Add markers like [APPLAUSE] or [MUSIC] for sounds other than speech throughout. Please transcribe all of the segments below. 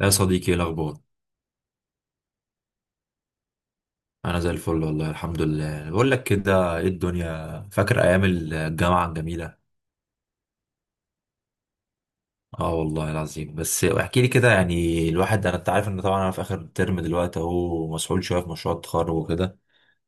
يا صديقي، ايه الاخبار؟ انا زي الفل والله الحمد لله. بقول لك كده ايه الدنيا، فاكر ايام الجامعه الجميله؟ اه والله العظيم. بس احكي لي كده، يعني الواحد انا انت عارف ان طبعا انا في اخر ترم دلوقتي اهو، مسحول شويه في مشروع التخرج وكده.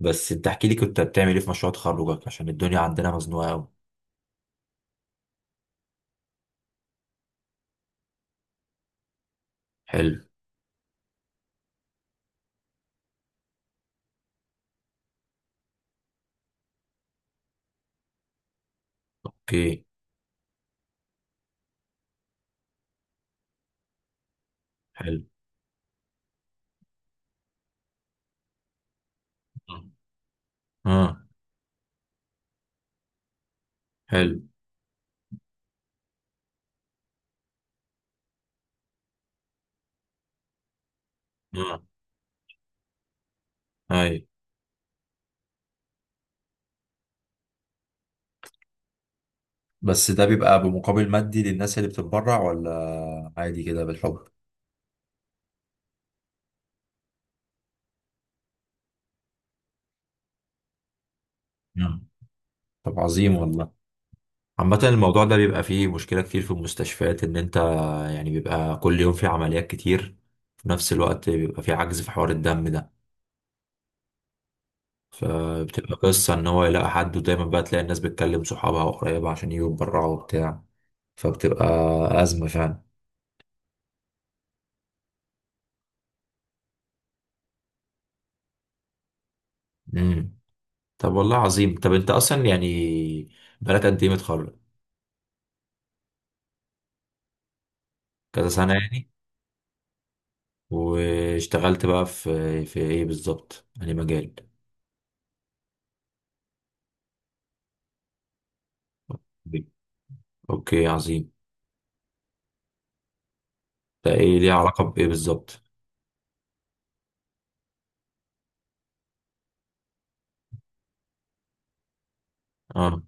بس انت احكي لي، كنت بتعمل ايه في مشروع تخرجك؟ عشان الدنيا عندنا مزنوقه قوي. حلو. اوكي. حلو. اه. آه. حلو. اه. اي. بس ده بيبقى بمقابل مادي للناس اللي بتتبرع؟ ولا عادي كده بالحب؟ مم. طب عظيم والله. عامة الموضوع ده بيبقى فيه مشكلة كتير في المستشفيات، إن أنت يعني بيبقى كل يوم في عمليات كتير، في نفس الوقت بيبقى في عجز في حوار الدم ده. فبتبقى قصة إن هو يلاقي حد، ودايما بقى تلاقي الناس بتكلم صحابها وقرايبها عشان يجوا يتبرعوا وبتاع. فبتبقى أزمة فعلا. امم. طب والله عظيم. طب أنت أصلا يعني بقالك قد إيه متخرج؟ كذا سنة يعني. واشتغلت بقى في إيه بالظبط؟ يعني مجال. أوكي عظيم. ده إيه ليه علاقة بإيه بالظبط؟ اه.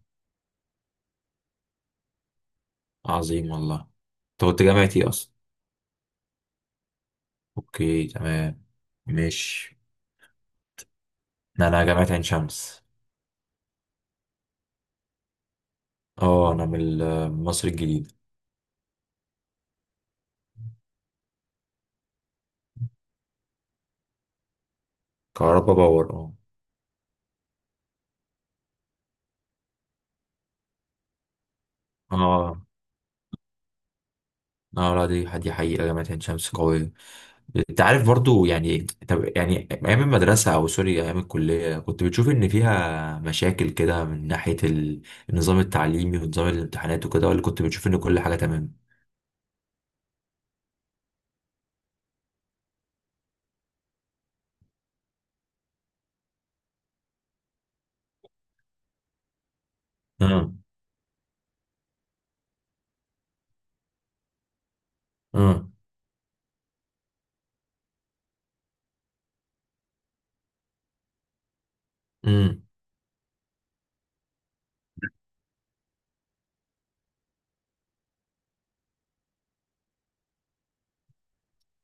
عظيم والله. انت كنت جامعة ايه اصلا؟ اوكي تمام. ماشي. انا جامعة عين شمس. اه، انا من من مصر الجديدة. كهربا باور، اه. اه. اه لا، دي حقيقة جامعة عين شمس قوية. انت عارف برضو يعني. طب يعني ايام المدرسة، او سوري ايام الكلية، كنت بتشوف ان فيها مشاكل كده من ناحية النظام التعليمي ونظام الامتحانات وكده، ولا كنت بتشوف ان كل حاجة تمام؟ اه. اه. امم.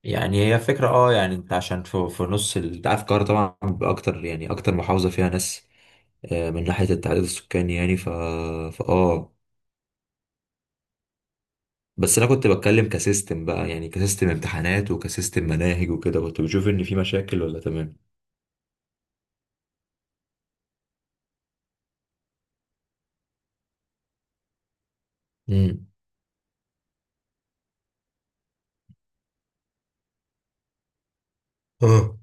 يعني هي فكرة، اه يعني انت عشان في نص انت عارف القاهرة طبعا اكتر، يعني اكتر محافظة فيها ناس، آه، من ناحية التعداد السكاني يعني، ف، فا، اه. بس انا كنت بتكلم كسيستم بقى، يعني كسيستم امتحانات وكسيستم مناهج وكده، كنت بشوف ان في مشاكل ولا تمام؟ امم. اه.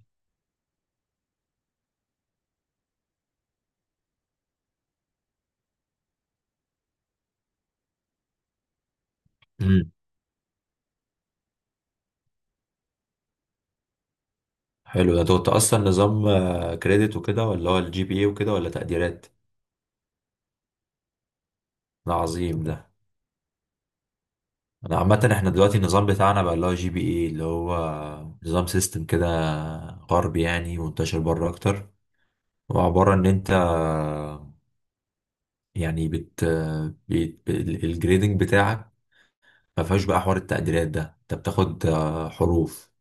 امم. حلو ده. انت كنت اصلا نظام كريدت وكده، ولا هو الجي بي اي وكده، ولا تقديرات؟ ده عظيم ده. انا عامة احنا دلوقتي النظام بتاعنا بقى اللي هو جي بي اي، اللي هو نظام سيستم كده غربي، يعني منتشر بره اكتر، وعبارة ان انت يعني بت... الجريدنج بتاعك ما فيهاش بقى حوار التقديرات ده، انت بتاخد آه، حروف.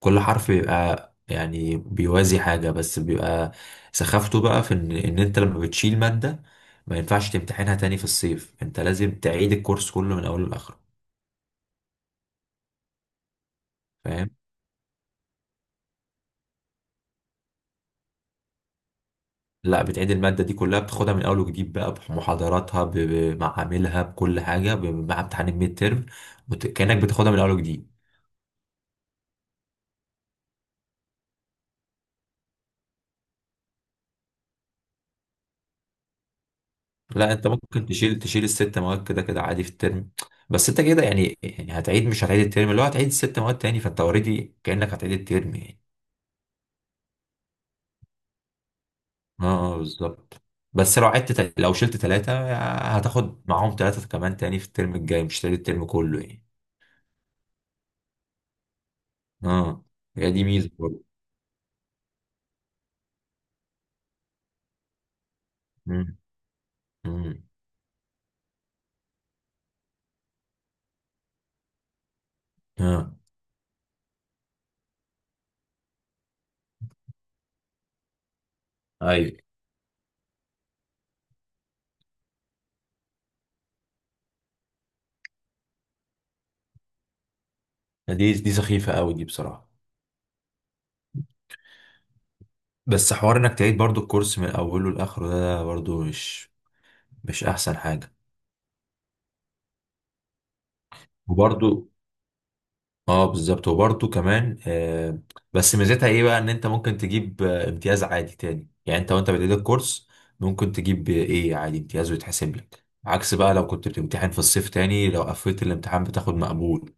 كل حرف بيبقى يعني بيوازي حاجة، بس بيبقى سخافته بقى في إن انت لما بتشيل مادة ما ينفعش تمتحنها تاني في الصيف، انت لازم تعيد الكورس كله من اوله لاخره. فاهم؟ لا، بتعيد المادة دي كلها، بتاخدها من أول وجديد بقى بمحاضراتها، ب- بمعاملها، بكل حاجة، ب- مع امتحان الميد ترم، وت- كأنك بتاخدها من أول وجديد. لا أنت ممكن تشيل، تشيل الست مواد كده كده عادي في الترم، بس أنت كده يعني يعني هتعيد، مش هتعيد الترم، اللي هو هتعيد الست مواد تاني، فأنت أوريدي كأنك هتعيد الترم يعني. اه. آه، بالظبط. بس لو عدت تل- لو شلت ثلاثة هتاخد معاهم ثلاثة كمان تاني في الترم الجاي، مش هتعيد الترم كله يعني. اه. هي دي ميزة برضه. مم، مم، اه. ايوه، دي دي سخيفة قوي دي بصراحة. بس حوار انك تعيد برضو الكورس من اوله لاخره، ده ده برضو مش احسن حاجة. وبرضو اه بالظبط، وبرضو كمان آه، بس ميزتها ايه بقى، ان انت ممكن تجيب آه، امتياز عادي تاني، يعني انت وانت بتعيد الكورس ممكن تجيب ايه عادي امتياز ويتحسب لك، عكس بقى لو كنت بتمتحن في الصيف تاني، لو قفلت الامتحان بتاخد مقبول.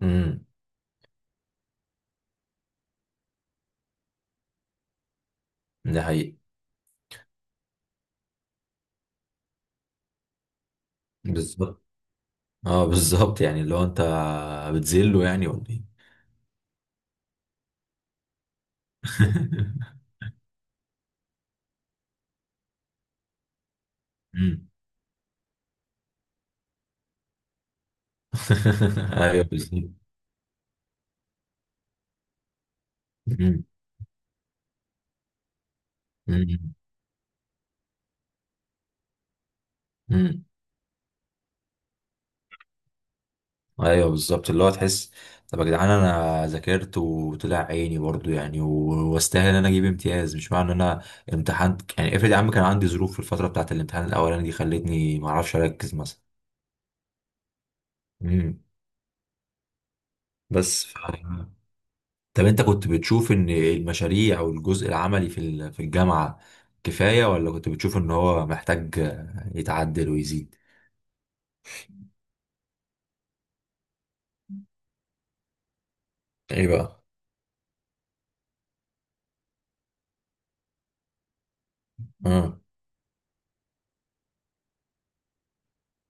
امم. ده حقيقي. بالظبط. اه بالظبط، يعني لو انت بتذله يعني ولا ايه؟ [LAUGHS] مم. [LAUGHS] ايوه بالظبط. مم. مم. مم. ايوه بالظبط، اللي هو تحس. طب يا جدعان، انا ذاكرت وطلع عيني برضو يعني، و- واستاهل ان انا اجيب امتياز، مش معنى ان انا امتحنت يعني، افرض يا عم كان عندي ظروف في الفتره بتاعت الامتحان الاولاني دي خلتني ما اعرفش اركز مثلا. مم. بس ف... طب انت كنت بتشوف ان المشاريع او الجزء العملي في في الجامعه كفايه، ولا كنت بتشوف ان هو محتاج يتعدل ويزيد؟ ايه بقى. اه.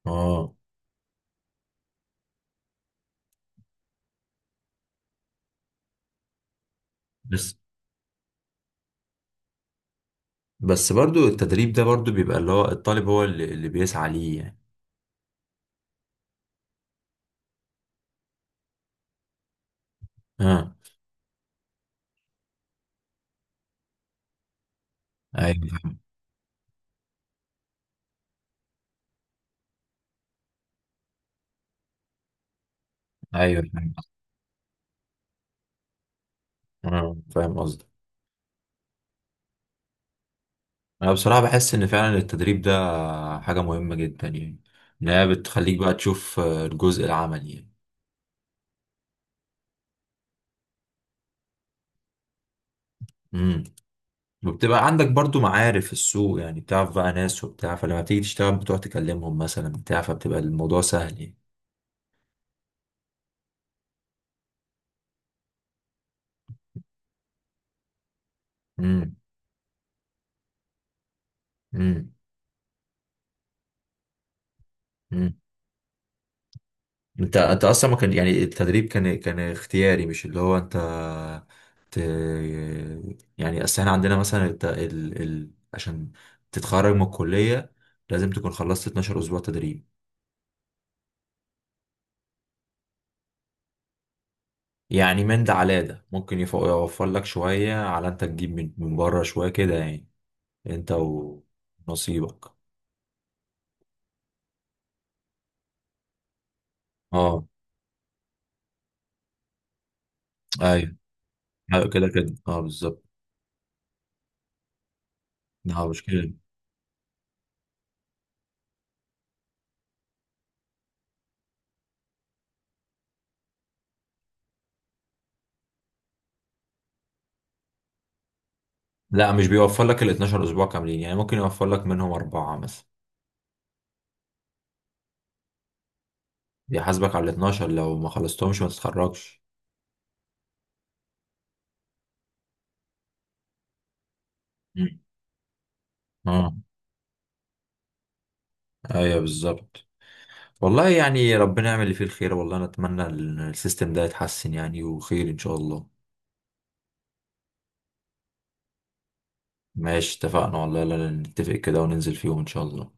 اه. بس برضو التدريب ده برضو بيبقى اللي هو الطالب هو اللي بيسعى ليه يعني. اه. ايوه فاهم. ايوه فاهم قصدك. اه فاهم قصدي. انا بصراحة بحس ان فعلا التدريب ده حاجة مهمة جدا يعني، ان هي بتخليك بقى تشوف آه، الجزء العملي يعني. امم. وبتبقى عندك برضو معارف في السوق يعني، بتعرف بقى ناس وبتاع، فلما تيجي تشتغل بتقعد تكلمهم مثلا بتاع فبتبقى الموضوع سهل يعني. امم. امم. انت انت اصلا ما كان يعني التدريب كان اختياري، مش اللي هو انت ت... يعني اصل احنا عندنا مثلا عشان تتخرج من الكلية لازم تكون خلصت 12 اسبوع تدريب. يعني من ده على ده ممكن يف- يوفر لك شوية، على انت تجيب من بره شوية كده يعني، انت ونصيبك. اه. ايوه. ايوه كده كده، اه بالظبط. اه مش كده. لا مش بيوفر لك ال 12 اسبوع كاملين يعني، ممكن يوفر لك منهم اربعة مثلا. بيحاسبك على ال 12، لو ما خلصتهمش ما تتخرجش. مم. اه ايوه بالظبط. والله يعني ربنا يعمل اللي فيه الخير. والله انا اتمنى السيستم ده يتحسن يعني، وخير ان شاء الله. ماشي اتفقنا والله، لا لا، نتفق كده وننزل فيهم ان شاء الله.